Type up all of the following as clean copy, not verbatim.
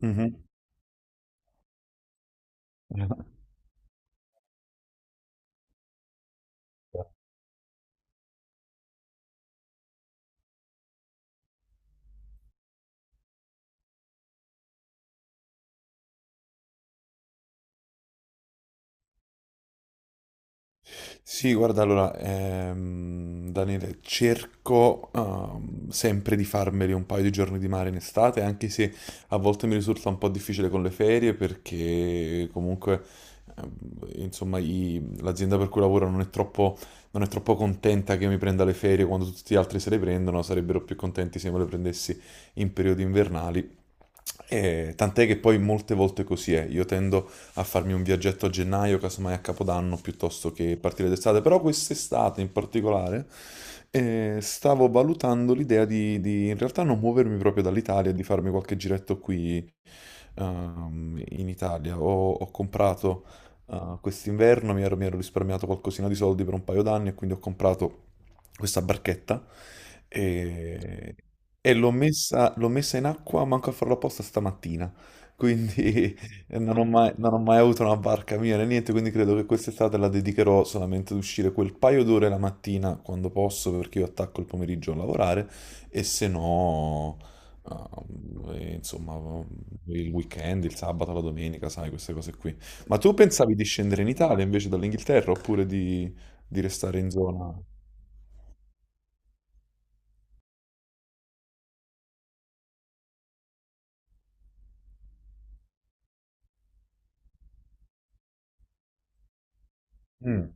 Mhm. Sì, guarda, allora, Daniele, cerco sempre di farmeli un paio di giorni di mare in estate, anche se a volte mi risulta un po' difficile con le ferie perché comunque, ehm, insomma, l'azienda per cui lavoro non è troppo contenta che io mi prenda le ferie quando tutti gli altri se le prendono, sarebbero più contenti se me le prendessi in periodi invernali. E tant'è che poi molte volte così è, io tendo a farmi un viaggetto a gennaio, casomai a Capodanno, piuttosto che partire d'estate. Però quest'estate in particolare stavo valutando l'idea di in realtà non muovermi proprio dall'Italia, e di farmi qualche giretto qui in Italia. Ho comprato quest'inverno, mi ero risparmiato qualcosina di soldi per un paio d'anni e quindi ho comprato questa barchetta e, e l'ho messa in acqua, manco a farlo apposta stamattina. Quindi, e non ho mai avuto una barca mia né niente, quindi credo che quest'estate la dedicherò solamente ad uscire quel paio d'ore la mattina quando posso, perché io attacco il pomeriggio a lavorare, e se no, insomma, il weekend, il sabato, la domenica, sai, queste cose qui. Ma tu pensavi di scendere in Italia invece dall'Inghilterra oppure di restare in zona? Mm,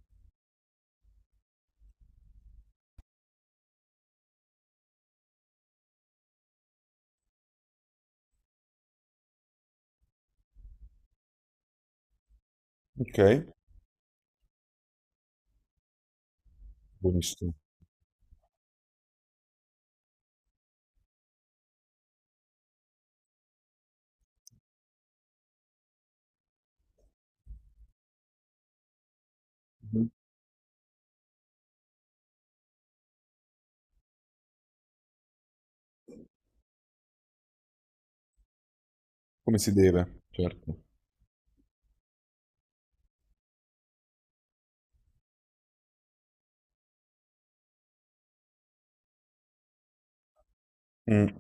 ok, buonissimo. Mhm. Come si deve, certo. Mm.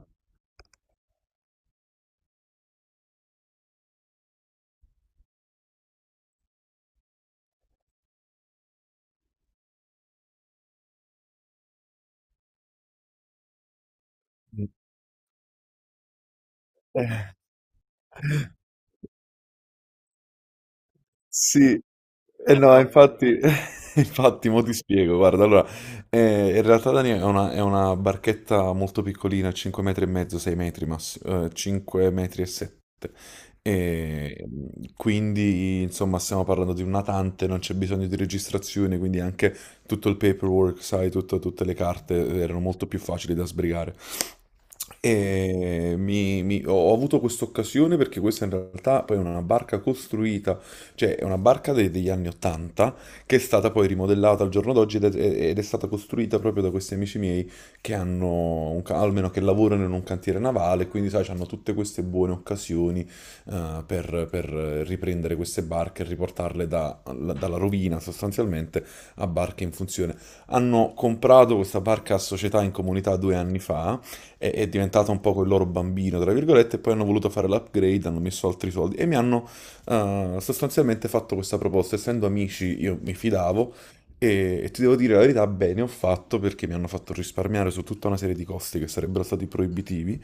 Mm. Sì, eh no, infatti, infatti, mo ti spiego, guarda, allora, in realtà Dani è una barchetta molto piccolina, 5 metri e mezzo, 6 metri massimo, 5 metri e 7, e quindi, insomma, stiamo parlando di un natante, non c'è bisogno di registrazione, quindi anche tutto il paperwork, sai, tutte le carte erano molto più facili da sbrigare. E ho avuto questa occasione perché questa in realtà poi è una barca costruita, cioè, è una barca degli anni 80 che è stata poi rimodellata al giorno d'oggi ed è stata costruita proprio da questi amici miei che hanno, almeno che lavorano in un cantiere navale, quindi sai, hanno tutte queste buone occasioni per riprendere queste barche e riportarle dalla rovina sostanzialmente a barche in funzione. Hanno comprato questa barca a società in comunità 2 anni fa, è diventata un po' il loro bambino, tra virgolette, e poi hanno voluto fare l'upgrade, hanno messo altri soldi e mi hanno ha sostanzialmente fatto questa proposta. Essendo amici, io mi fidavo e ti devo dire la verità, bene ho fatto perché mi hanno fatto risparmiare su tutta una serie di costi che sarebbero stati proibitivi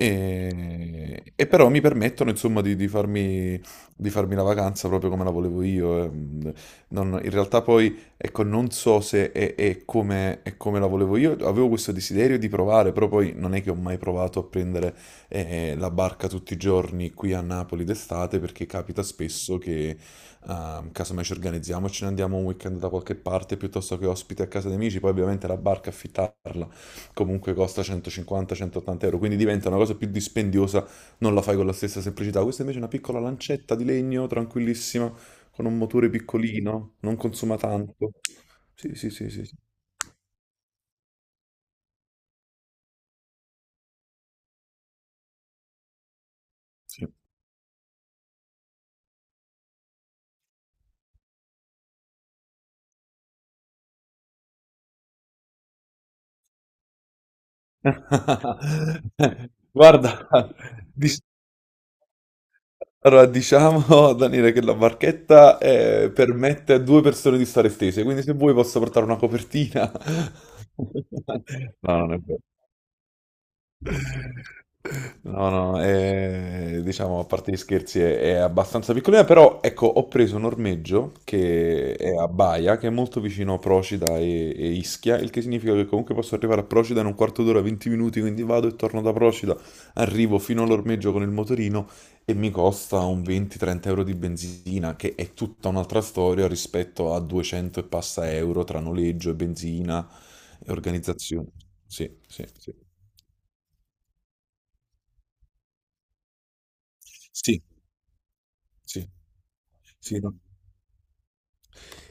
e però mi permettono insomma di farmi la vacanza proprio come la volevo io. In realtà poi ecco non so se è come la volevo io, avevo questo desiderio di provare, però poi non è che ho mai provato a prendere la barca tutti i giorni qui a Napoli d'estate perché capita spesso che casomai ci organizziamo e ce ne andiamo un weekend da qualche parte piuttosto che ospiti a casa di amici, poi ovviamente la barca affittarla comunque costa 150-180 euro, quindi diventa una cosa più dispendiosa, non la fai con la stessa semplicità. Questa invece è una piccola lancetta di legno tranquillissima con un motore piccolino, non consuma tanto. Sì, sì, sì, sì, sì. Sì. Guarda, di, allora, diciamo, Daniele, che la barchetta permette a 2 persone di stare stese, quindi se vuoi posso portare una copertina. No, non è vero. No, no, diciamo a parte gli scherzi è abbastanza piccolina, però ecco, ho preso un ormeggio che è a Baia, che è molto vicino a Procida e Ischia, il che significa che comunque posso arrivare a Procida in un quarto d'ora, 20 minuti, quindi vado e torno da Procida, arrivo fino all'ormeggio con il motorino e mi costa un 20-30 euro di benzina, che è tutta un'altra storia rispetto a 200 e passa euro tra noleggio e benzina e organizzazione. Sì, sì, sì. Sì, sì, sì, no.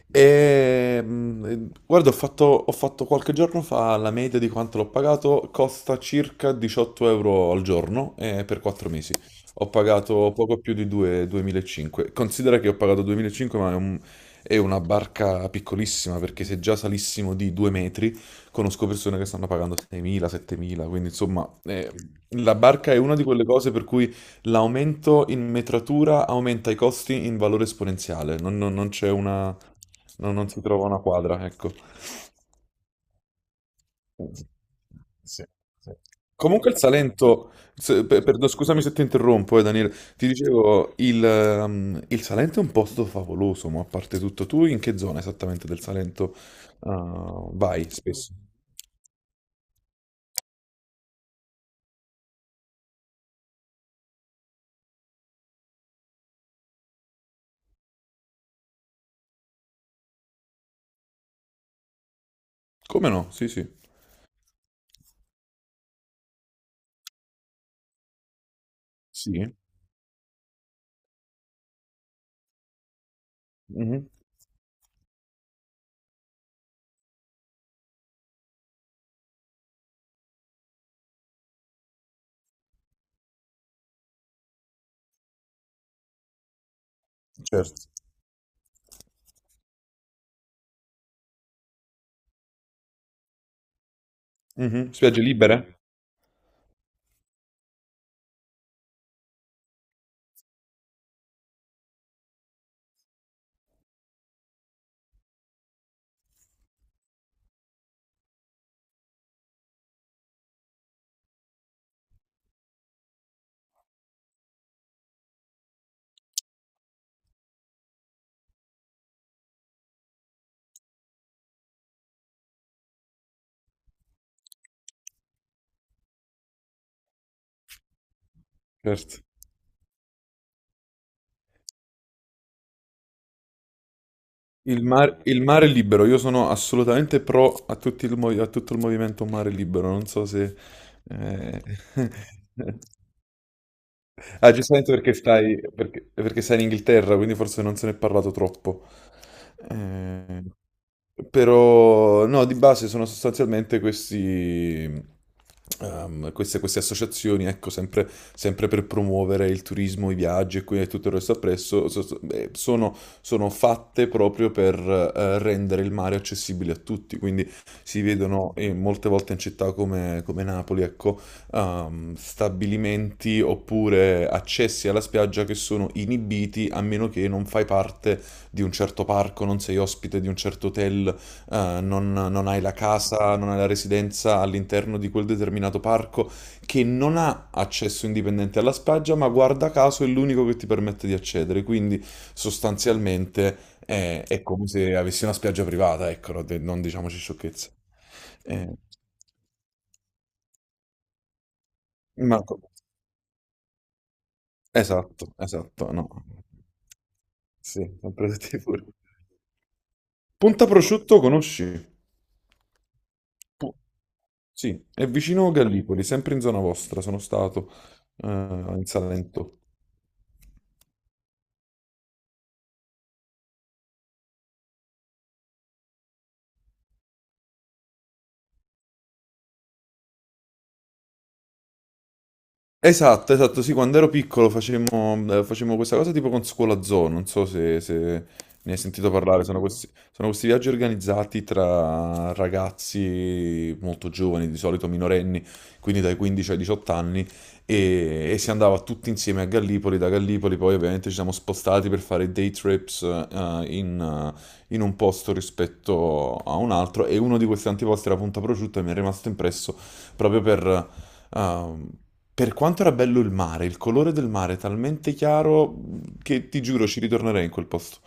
Guarda, ho fatto qualche giorno fa la media di quanto l'ho pagato, costa circa 18 euro al giorno per 4 mesi. Ho pagato poco più di 2.500. Considera che ho pagato 2.500, ma è una barca piccolissima, perché se già salissimo di 2 metri, conosco persone che stanno pagando 6.000, 7.000, quindi insomma, la barca è una di quelle cose per cui l'aumento in metratura aumenta i costi in valore esponenziale, non c'è una, non si trova una quadra, ecco. Sì, sì. Comunque il Salento, scusami se ti interrompo, Daniele, ti dicevo, il Salento è un posto favoloso, ma a parte tutto, tu in che zona esattamente del Salento vai spesso? Come no? Sì, sì. Sì? Mhm, certo. Mhm. Spiagge libere? Certo. Il mare libero, io sono assolutamente pro a, a tutto il movimento mare libero, non so se. eh, Ah, giustamente perché stai in Inghilterra, quindi forse non se ne è parlato troppo. Eh, Però no, di base sono sostanzialmente questi, queste associazioni, ecco, sempre per promuovere il turismo, i viaggi e e tutto il resto appresso, sono fatte proprio per rendere il mare accessibile a tutti, quindi si vedono molte volte in città come Napoli, ecco, stabilimenti oppure accessi alla spiaggia che sono inibiti a meno che non fai parte di un certo parco, non sei ospite di un certo hotel, non hai la casa, non hai la residenza all'interno di quel determinato parco, che non ha accesso indipendente alla spiaggia, ma guarda caso è l'unico che ti permette di accedere. Quindi sostanzialmente è come se avessi una spiaggia privata, ecco, no, non diciamoci sciocchezze. Eh, ma esatto, esatto, no. Sì, sempre tutti pure. Pontaprosciutto conosci? Pu- Sì, è vicino Gallipoli, sempre in zona vostra, sono stato in Salento. Esatto, esatto, sì, quando ero piccolo facemmo, facemmo questa cosa tipo con Scuola Zoo, non so se ne hai sentito parlare, sono questi viaggi organizzati tra ragazzi molto giovani, di solito minorenni, quindi dai 15 ai 18 anni, e si andava tutti insieme a Gallipoli, da Gallipoli poi ovviamente ci siamo spostati per fare day trips in un posto rispetto a un altro e uno di questi antiposti era Punta Prosciutto e mi è rimasto impresso proprio ehm, per quanto era bello il mare, il colore del mare è talmente chiaro che ti giuro ci ritornerei in quel posto.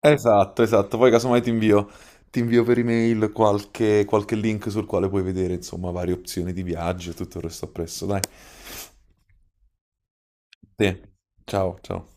Esatto, esatto, poi casomai ti invio per email qualche link sul quale puoi vedere insomma varie opzioni di viaggio e tutto il resto appresso, dai. Sì, ciao, ciao.